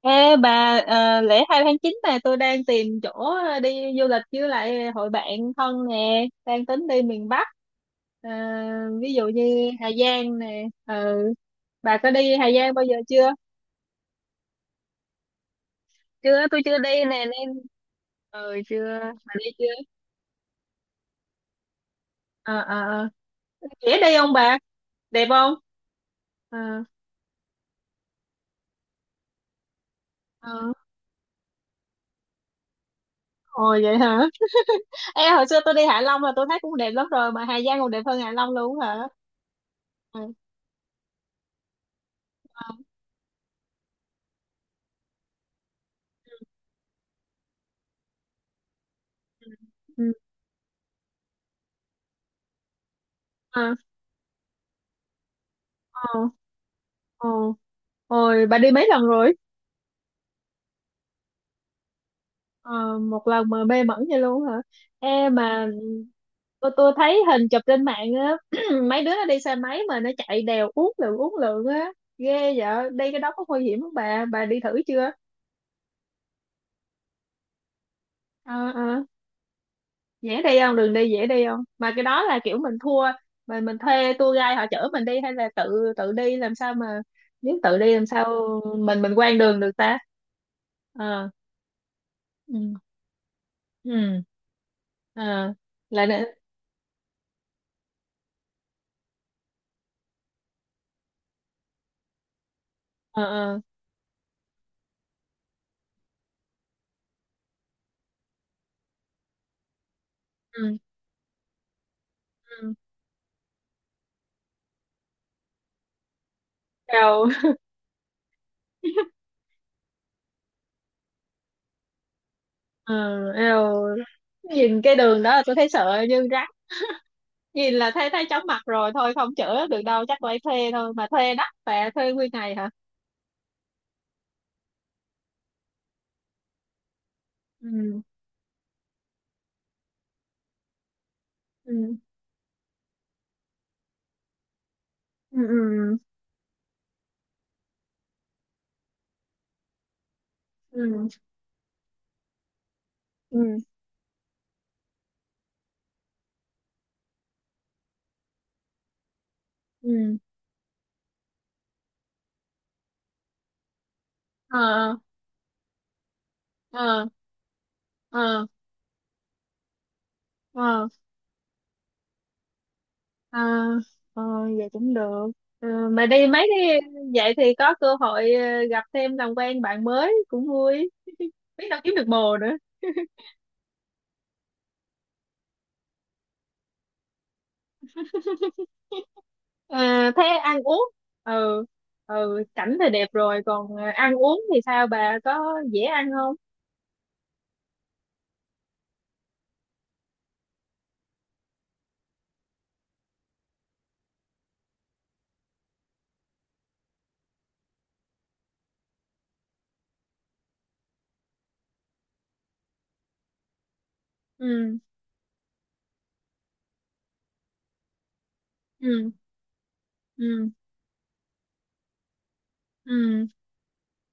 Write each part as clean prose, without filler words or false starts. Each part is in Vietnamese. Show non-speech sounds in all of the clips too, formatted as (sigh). Ê bà, lễ 2 tháng 9 này tôi đang tìm chỗ đi du lịch với lại hội bạn thân nè, đang tính đi miền Bắc. Ờ, Ví dụ như Hà Giang nè, ừ. Bà có đi Hà Giang bao giờ chưa? Chưa, tôi chưa đi nè, nên ừ, chưa. Bà đi chưa? Ờ, ờ, ờ. Dễ đi không bà? Đẹp không? Ờ. Ờ. Ồ, vậy hả? Ê, hồi xưa tôi đi Hạ Long là tôi thấy cũng đẹp lắm rồi mà Hà Giang còn đẹp hơn Hạ Long luôn hả? Ừ. Ờ. Ừ. Ờ, ờ. Ờ. Ôi, bà đi mấy lần rồi? Ờ, một lần mà mê mẩn vậy luôn hả? Ê mà tôi thấy hình chụp trên mạng á, (clears throat) mấy đứa nó đi xe máy mà nó chạy đèo uốn lượn á, ghê vậy. Đi cái đó có nguy hiểm không bà? Bà đi thử chưa? Ờ, ờ, dễ đi không? Đường đi dễ đi không? Mà cái đó là kiểu mình thua, mà mình thuê tour guide họ chở mình đi hay là tự tự đi làm sao mà, nếu tự đi làm sao mình quen đường được ta? Ờ. Ừ. Ừ. Ờ. Là nữa. Ờ. Ờ. Ừ, ừ, eo, ừ, eo. Nhìn cái đường đó là tôi thấy sợ như rắn, nhìn là thấy thấy chóng mặt rồi, thôi không chữa được đâu, chắc phải thuê thôi. Mà thuê đắt và thuê nguyên ngày hả? Ừ, ừ, ừ, ừ, ừ, ừ, ừ. Ờ, ờ, ờ, ờ, ờ, ờ. Vậy cũng được. Ờ, mà đi mấy cái vậy thì có cơ hội gặp thêm làm quen bạn mới cũng vui, biết đâu kiếm được bồ nữa. À, thế ăn uống? Ừ, ừ, cảnh thì đẹp rồi còn ăn uống thì sao bà, có dễ ăn không? Ừ, ừ, ừ, ừ.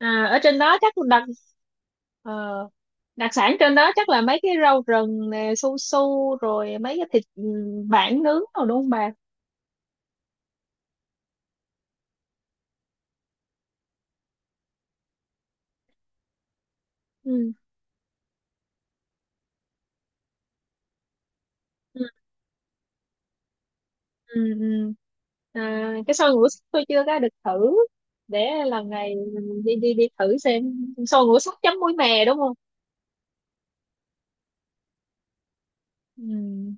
À, ở trên đó chắc ờ, đặc sản trên đó chắc là mấy cái rau rừng nè, su su, rồi mấy cái thịt, bản nướng rồi đúng không bà? Ừ, ừ, ừ, ừ. À, cái xôi ngũ sắc tôi chưa có được thử, để lần này mình đi đi đi thử xem. Xôi ngũ sắc chấm muối mè đúng không? Ừ,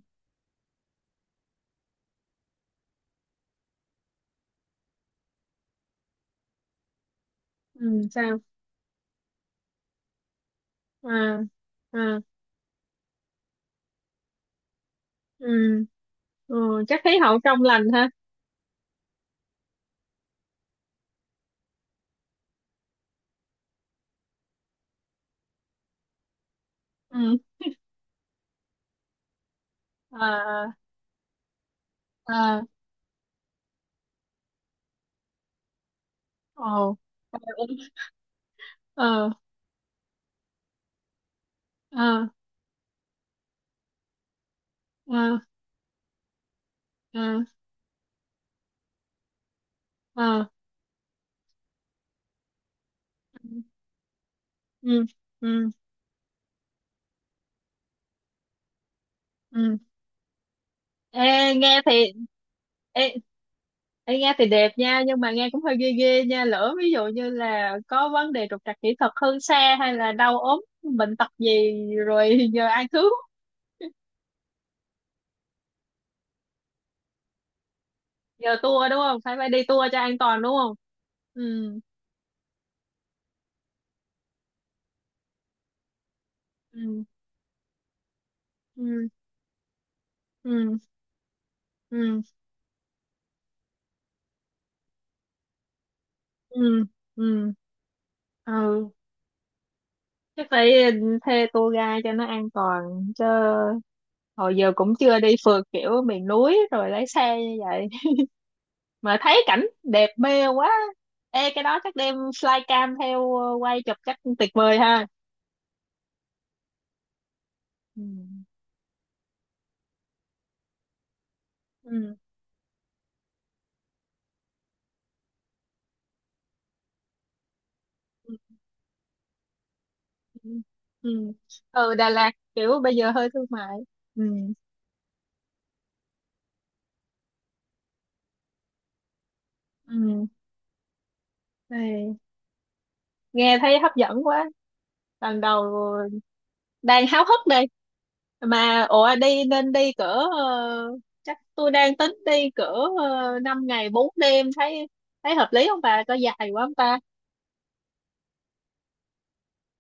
ừ, sao? À, à. Ừ, ừ, chắc thấy họ trong lành ha. Ừ, à, à. Ồ. Ờ, ờ, ờ, ờ, ờ, ờ. Ừ, ừ, ừ. Ê, nghe thì... ê, ê, nghe thì đẹp nha, nhưng mà nghe cũng hơi ghê ghê nha, lỡ ví dụ như là có vấn đề trục trặc kỹ thuật hơn xe hay là đau ốm bệnh tật gì rồi (laughs) giờ ai cứu? Giờ tour đúng không, phải phải đi tour cho an toàn đúng không? Ừ, ừ, ừ, ừ, ừ, ừ, ừ, ừ. Chắc phải thuê tour guide cho nó an toàn chứ, hồi giờ cũng chưa đi phượt kiểu miền núi rồi lái xe như vậy, mà thấy cảnh đẹp mê quá. Ê, cái đó chắc đem flycam theo quay chụp chắc tuyệt vời ha. Ừ, ừ, ừ, ừ, ừ. Ừ, Đà Lạt kiểu bây giờ hơi thương mại. Ừ, ừ. Ê, nghe thấy hấp dẫn quá, lần đầu, đang háo hức đây. Mà ủa, đi nên đi cỡ, chắc tôi đang tính đi cỡ 5 ngày 4 đêm, thấy thấy hợp lý không bà, có dài quá không ta?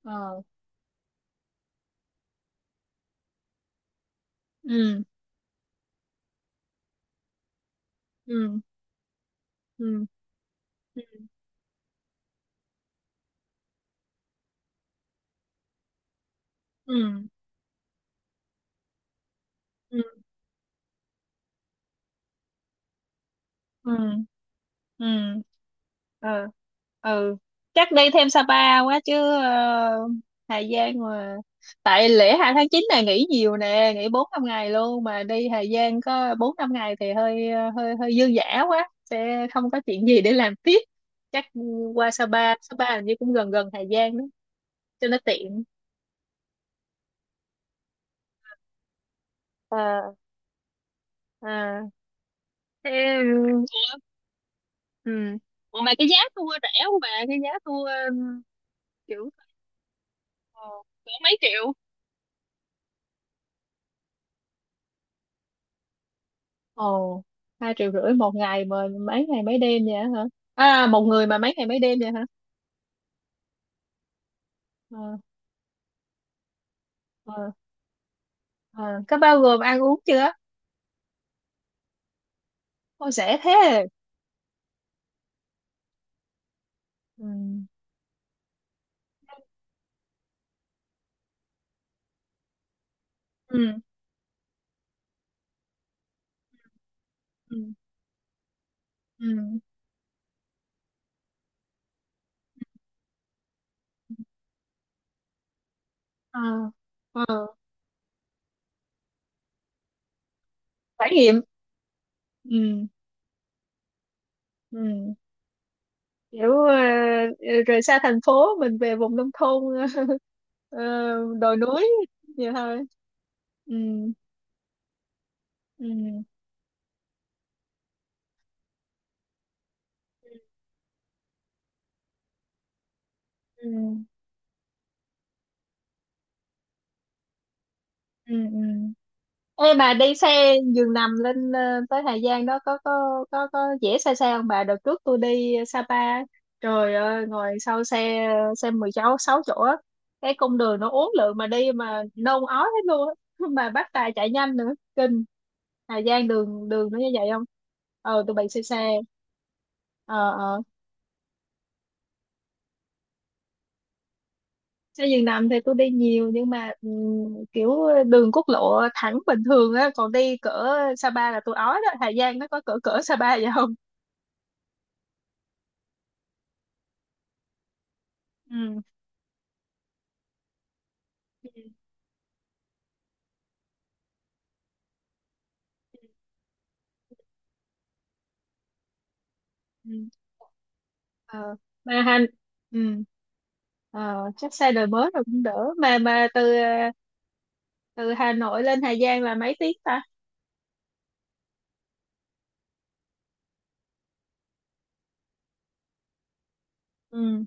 Ờ. Ừ, ừ, ừ, ừ, ừ, ừ, ừ, ừ, ừ, ừ. Chắc đi thêm Sapa quá chứ, Hà Giang mà. Tại lễ 2 tháng 9 này nghỉ nhiều nè, nghỉ bốn năm ngày luôn mà đi Hà Giang có bốn năm ngày thì hơi hơi hơi dư dả quá, sẽ không có chuyện gì để làm tiếp. Chắc qua Sapa, Sapa hình như cũng gần gần Hà Giang đó, cho nó tiện. À. Thế, ủa, ừ. Ủa mà cái giá tour rẻ không bà? Cái giá tour, kiểu ờ, cỡ mấy triệu? Ồ, 2,5 triệu một ngày mà mấy ngày mấy đêm vậy hả? À, một người mà mấy ngày mấy đêm vậy hả? Ờ, ờ, ờ. Có bao gồm ăn uống chưa? Ôi, rẻ thế. Ừ, ừ, ừ, ừ. Ờ, ờ. Trải nghiệm. Ừ, ừ. Kiểu rời xa thành phố mình về vùng nông thôn (laughs) ờ, đồi núi vậy thôi. Ừ, ừ, ừ, ừ, ừ. Ê bà, đi xe giường nằm lên tới Hà Giang đó có dễ, xa xa không bà? Đợt trước tôi đi Sapa, trời ơi, ngồi sau xe xe 16 sáu chỗ á, cái cung đường nó uốn lượn mà đi mà nôn ói hết luôn á. (laughs) Mà bắt tài chạy nhanh nữa kinh. Hà Giang đường đường nó như vậy không? Ờ tụi bay xe xe ờ, ờ, xe giường nằm thì tôi đi nhiều nhưng mà kiểu đường quốc lộ thẳng bình thường á, còn đi cỡ Sapa là tôi ói đó. Hà Giang nó có cỡ cỡ Sapa vậy không? Ừ, ừ, ờ, mà hành, ừ, ờ, chắc xe đời mới rồi cũng đỡ. Mà từ từ Hà Nội lên Hà Giang là mấy tiếng ta? Ừ,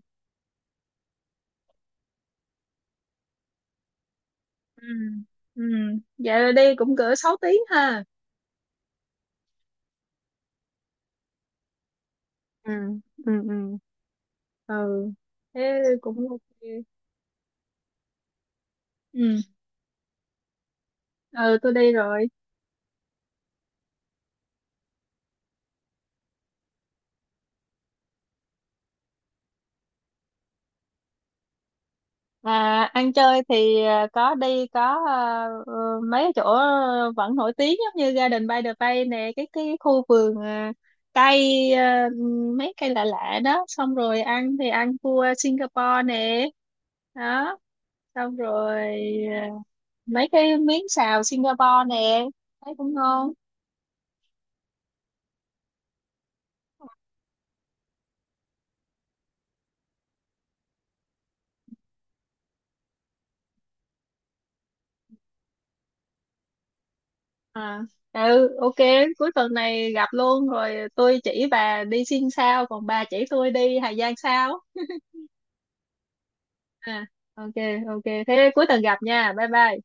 ừ, ừ. Vậy là đi cũng cỡ 6 tiếng ha? Ừ, ừ, ừ, ừ. Thế cũng ok. Ừ, ừ, tôi đi rồi. À, ăn chơi thì có đi có à, ờ, mấy chỗ vẫn nổi tiếng, giống như Garden by the Bay nè, cái khu vườn, cây, mấy cây lạ lạ đó, xong rồi ăn thì ăn cua Singapore nè, đó, xong rồi à, mấy cái miếng xào Singapore nè, thấy cũng ngon. À, ừ, ok, cuối tuần này gặp luôn rồi tôi chỉ bà đi Sing sao, còn bà chỉ tôi đi Hà Giang sao? À, ok, ok, thế cuối tuần gặp nha, bye bye.